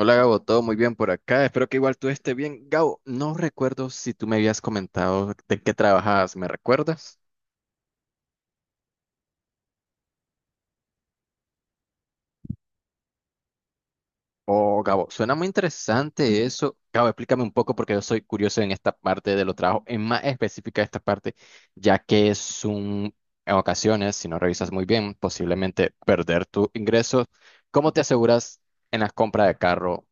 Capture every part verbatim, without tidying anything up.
Hola Gabo, todo muy bien por acá. Espero que igual tú estés bien. Gabo, no recuerdo si tú me habías comentado de qué trabajabas, ¿me recuerdas? Oh, Gabo, suena muy interesante eso. Gabo, explícame un poco porque yo soy curioso en esta parte de los trabajos, en más específica esta parte, ya que es un, en ocasiones, si no revisas muy bien, posiblemente perder tu ingreso. ¿Cómo te aseguras en la compra de carro?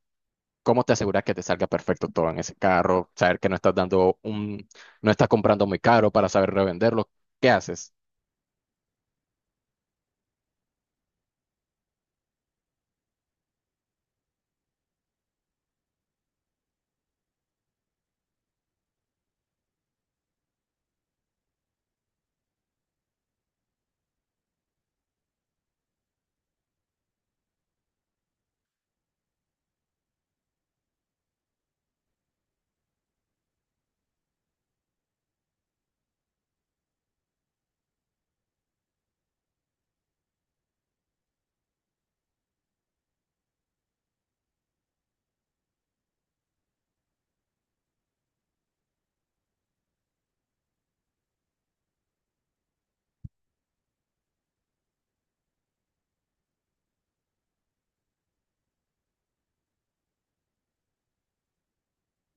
¿Cómo te aseguras que te salga perfecto todo en ese carro? Saber que no estás dando un, no estás comprando muy caro para saber revenderlo. ¿Qué haces?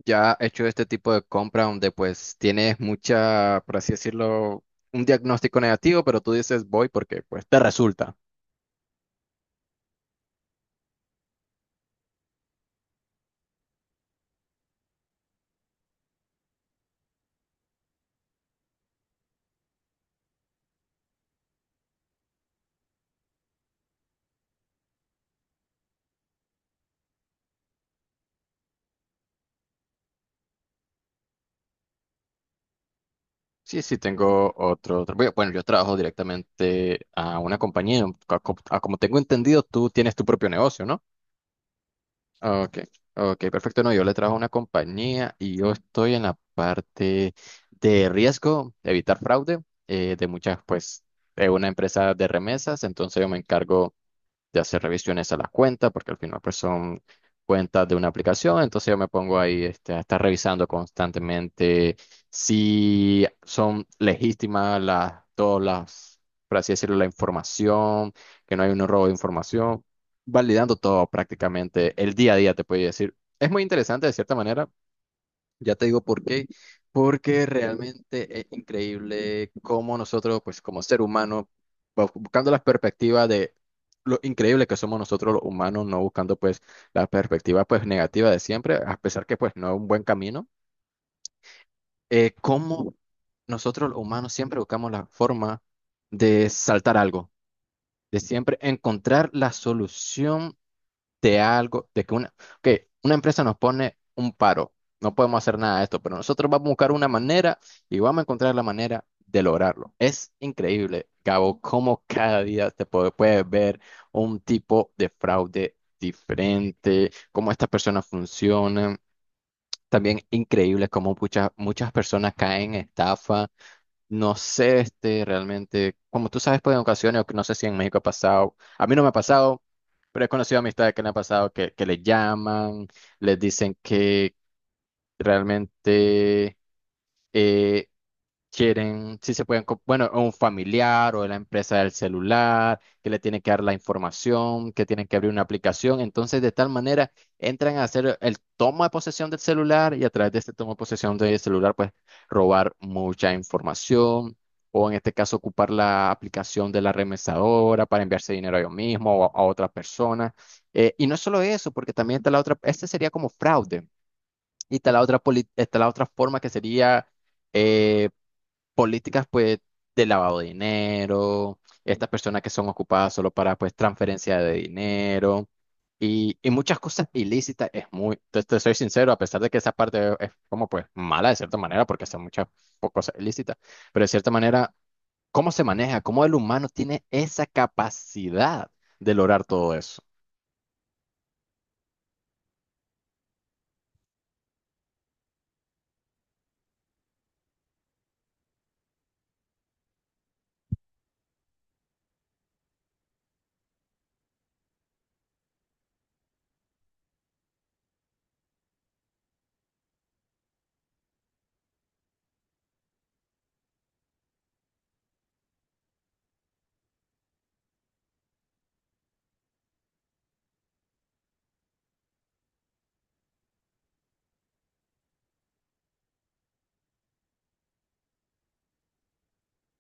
Ya he hecho este tipo de compra donde pues tienes mucha, por así decirlo, un diagnóstico negativo, pero tú dices voy porque pues te resulta. Sí, sí tengo otro, otro- Bueno, bueno, yo trabajo directamente a una compañía. A co- a como tengo entendido, tú tienes tu propio negocio, ¿no? Ok, ok, perfecto. No, yo le trabajo a una compañía y yo estoy en la parte de riesgo, de evitar fraude eh, de muchas, pues, de una empresa de remesas. Entonces yo me encargo de hacer revisiones a las cuentas, porque al final pues son cuentas de una aplicación, entonces yo me pongo ahí este, a estar revisando constantemente si son legítimas las, todas las, por así decirlo, la información, que no hay un robo de información, validando todo prácticamente el día a día, te puedo decir. Es muy interesante de cierta manera, ya te digo por qué, porque realmente es increíble cómo nosotros, pues como ser humano, bu- buscando la perspectiva de lo increíble que somos nosotros los humanos, no buscando pues la perspectiva pues negativa de siempre, a pesar que pues no es un buen camino, eh, cómo nosotros los humanos siempre buscamos la forma de saltar algo, de siempre encontrar la solución de algo, de que una, que una empresa nos pone un paro, no podemos hacer nada de esto, pero nosotros vamos a buscar una manera y vamos a encontrar la manera de lograrlo. Es increíble, Gabo, cómo cada día te puede- puedes ver un tipo de fraude diferente, cómo estas personas funcionan. También increíble cómo muchas, muchas personas caen en estafa, no sé, este, realmente, como tú sabes, pues en ocasiones, o que no sé si en México ha pasado, a mí no me ha pasado, pero he conocido amistades que le ha pasado, que, que le llaman, les dicen que realmente eh, quieren, si se pueden, co- bueno, o un familiar o de la empresa del celular, que le tienen que dar la información, que tienen que abrir una aplicación. Entonces, de tal manera, entran a hacer el toma de posesión del celular y a través de este toma de posesión del celular, pues robar mucha información. O en este caso, ocupar la aplicación de la remesadora para enviarse dinero a yo mismo o a, a otra persona. Eh, y no es solo eso, porque también está la otra, este sería como fraude. Y está la otra, poli- está la otra forma que sería eh, políticas pues de lavado de dinero, estas personas que son ocupadas solo para pues transferencia de dinero y, y muchas cosas ilícitas. Es muy, te, te soy sincero, a pesar de que esa parte es como pues mala de cierta manera porque son muchas po- cosas ilícitas, pero de cierta manera, ¿cómo se maneja? ¿Cómo el humano tiene esa capacidad de lograr todo eso?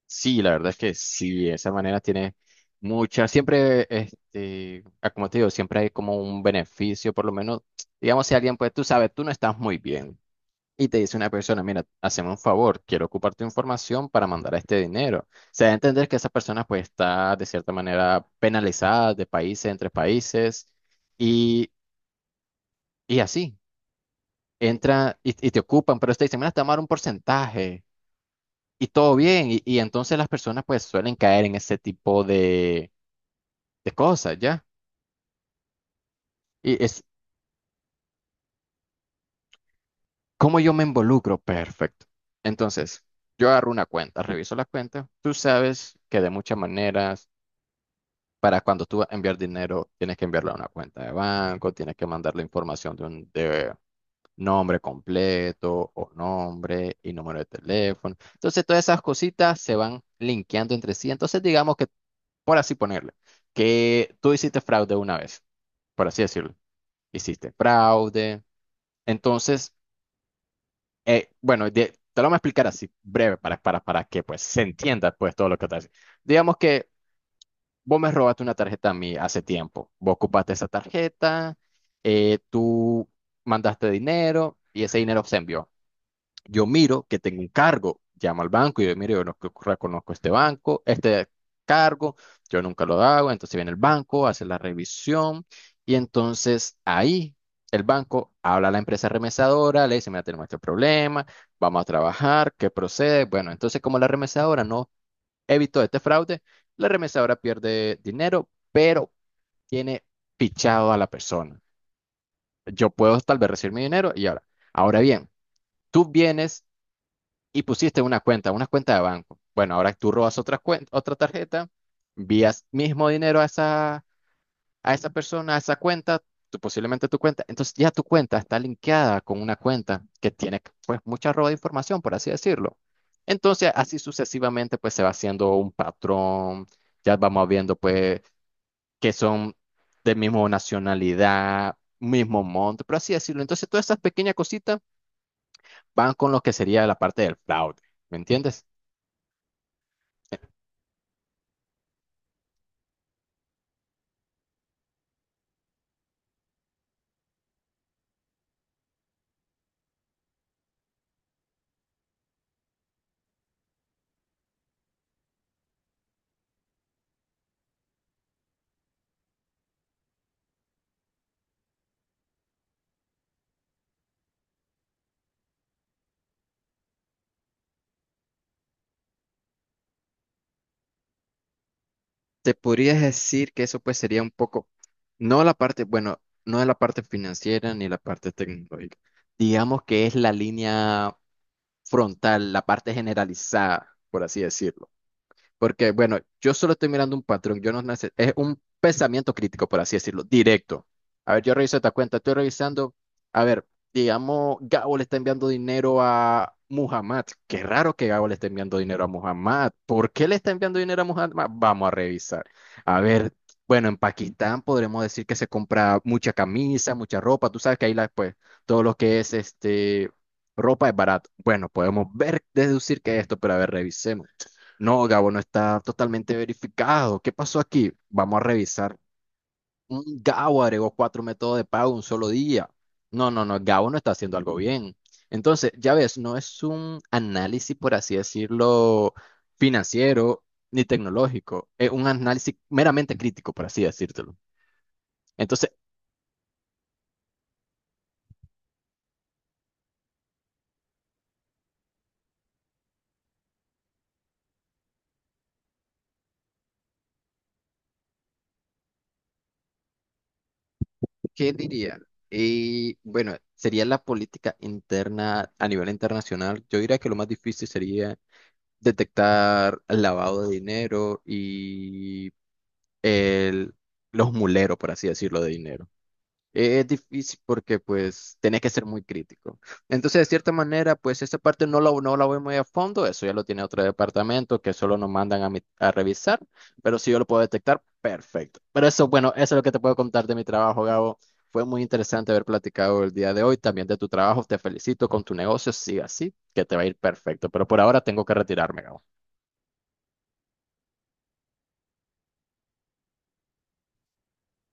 Sí, la verdad es que sí, de esa manera tiene mucha, siempre, este, ah, como te digo, siempre hay como un beneficio, por lo menos, digamos, si alguien, pues tú sabes, tú no estás muy bien y te dice una persona, mira, haceme un favor, quiero ocupar tu información para mandar este dinero. Se da a entender que esa persona, pues, está de cierta manera penalizada de países, entre países y, y así, entra y, y te ocupan, pero te dicen, mira, te vamos a dar un porcentaje. Y todo bien. Y, y entonces las personas pues suelen caer en ese tipo de, de cosas, ¿ya? Y es cómo yo me involucro, perfecto. Entonces, yo agarro una cuenta, reviso la cuenta. Tú sabes que de muchas maneras, para cuando tú vas a enviar dinero, tienes que enviarlo a una cuenta de banco, tienes que mandar la información de un de nombre completo o nombre y número de teléfono. Entonces, todas esas cositas se van linkeando entre sí. Entonces, digamos que, por así ponerle, que tú hiciste fraude una vez, por así decirlo. Hiciste fraude. Entonces, eh, bueno, de- te lo voy a explicar así, breve, para, para, para que pues se entienda pues todo lo que te hace. Digamos que vos me robaste una tarjeta a mí hace tiempo. Vos ocupaste esa tarjeta, eh, tú mandaste dinero y ese dinero se envió. Yo miro que tengo un cargo, llamo al banco y yo, mire, yo no reconozco este banco, este cargo, yo nunca lo hago, entonces viene el banco, hace la revisión y entonces ahí el banco habla a la empresa remesadora, le dice, mira, tenemos este problema, vamos a trabajar, ¿qué procede? Bueno, entonces como la remesadora no evitó este fraude, la remesadora pierde dinero, pero tiene fichado a la persona. Yo puedo tal vez recibir mi dinero y ahora, ahora bien, tú vienes y pusiste una cuenta, una cuenta de banco. Bueno, ahora tú robas otra cuenta, otra tarjeta, envías mismo dinero a esa, a esa persona, a esa cuenta, tú, posiblemente tu cuenta. Entonces ya tu cuenta está linkeada con una cuenta que tiene pues mucha roba de información, por así decirlo. Entonces así sucesivamente pues se va haciendo un patrón, ya vamos viendo pues que son de mismo nacionalidad, mismo monto, por así decirlo. Entonces todas esas pequeñas cositas van con lo que sería la parte del fraude, ¿me entiendes? Te podrías decir que eso pues sería un poco, no la parte, bueno, no es la parte financiera ni la parte tecnológica. Digamos que es la línea frontal, la parte generalizada, por así decirlo. Porque, bueno, yo solo estoy mirando un patrón, yo no nece- es un pensamiento crítico, por así decirlo, directo. A ver, yo reviso esta cuenta, estoy revisando, a ver, digamos, Gabo le está enviando dinero a Muhammad. Qué raro que Gabo le esté enviando dinero a Muhammad. ¿Por qué le está enviando dinero a Muhammad? Vamos a revisar. A ver, bueno, en Pakistán podremos decir que se compra mucha camisa, mucha ropa, tú sabes que ahí la, pues, todo lo que es este, ropa es barato. Bueno, podemos ver, deducir que es esto, pero a ver, revisemos. No, Gabo no está totalmente verificado. ¿Qué pasó aquí? Vamos a revisar. Mm, Gabo agregó cuatro métodos de pago en un solo día. No, no, no, Gabo no está haciendo algo bien. Entonces, ya ves, no es un análisis, por así decirlo, financiero ni tecnológico. Es un análisis meramente crítico, por así decírtelo. Entonces, ¿qué diría? Y bueno, sería la política interna a nivel internacional. Yo diría que lo más difícil sería detectar el lavado de dinero y el, los muleros, por así decirlo, de dinero. Eh, Es difícil porque pues tenés que ser muy crítico. Entonces, de cierta manera, pues esta parte no la, no la voy muy a fondo, eso ya lo tiene otro departamento que solo nos mandan a, mi- a revisar, pero si yo lo puedo detectar, perfecto. Pero eso, bueno, eso es lo que te puedo contar de mi trabajo, Gabo. Fue muy interesante haber platicado el día de hoy, también de tu trabajo. Te felicito con tu negocio, sigue así, que te va a ir perfecto. Pero por ahora tengo que retirarme, Gabo.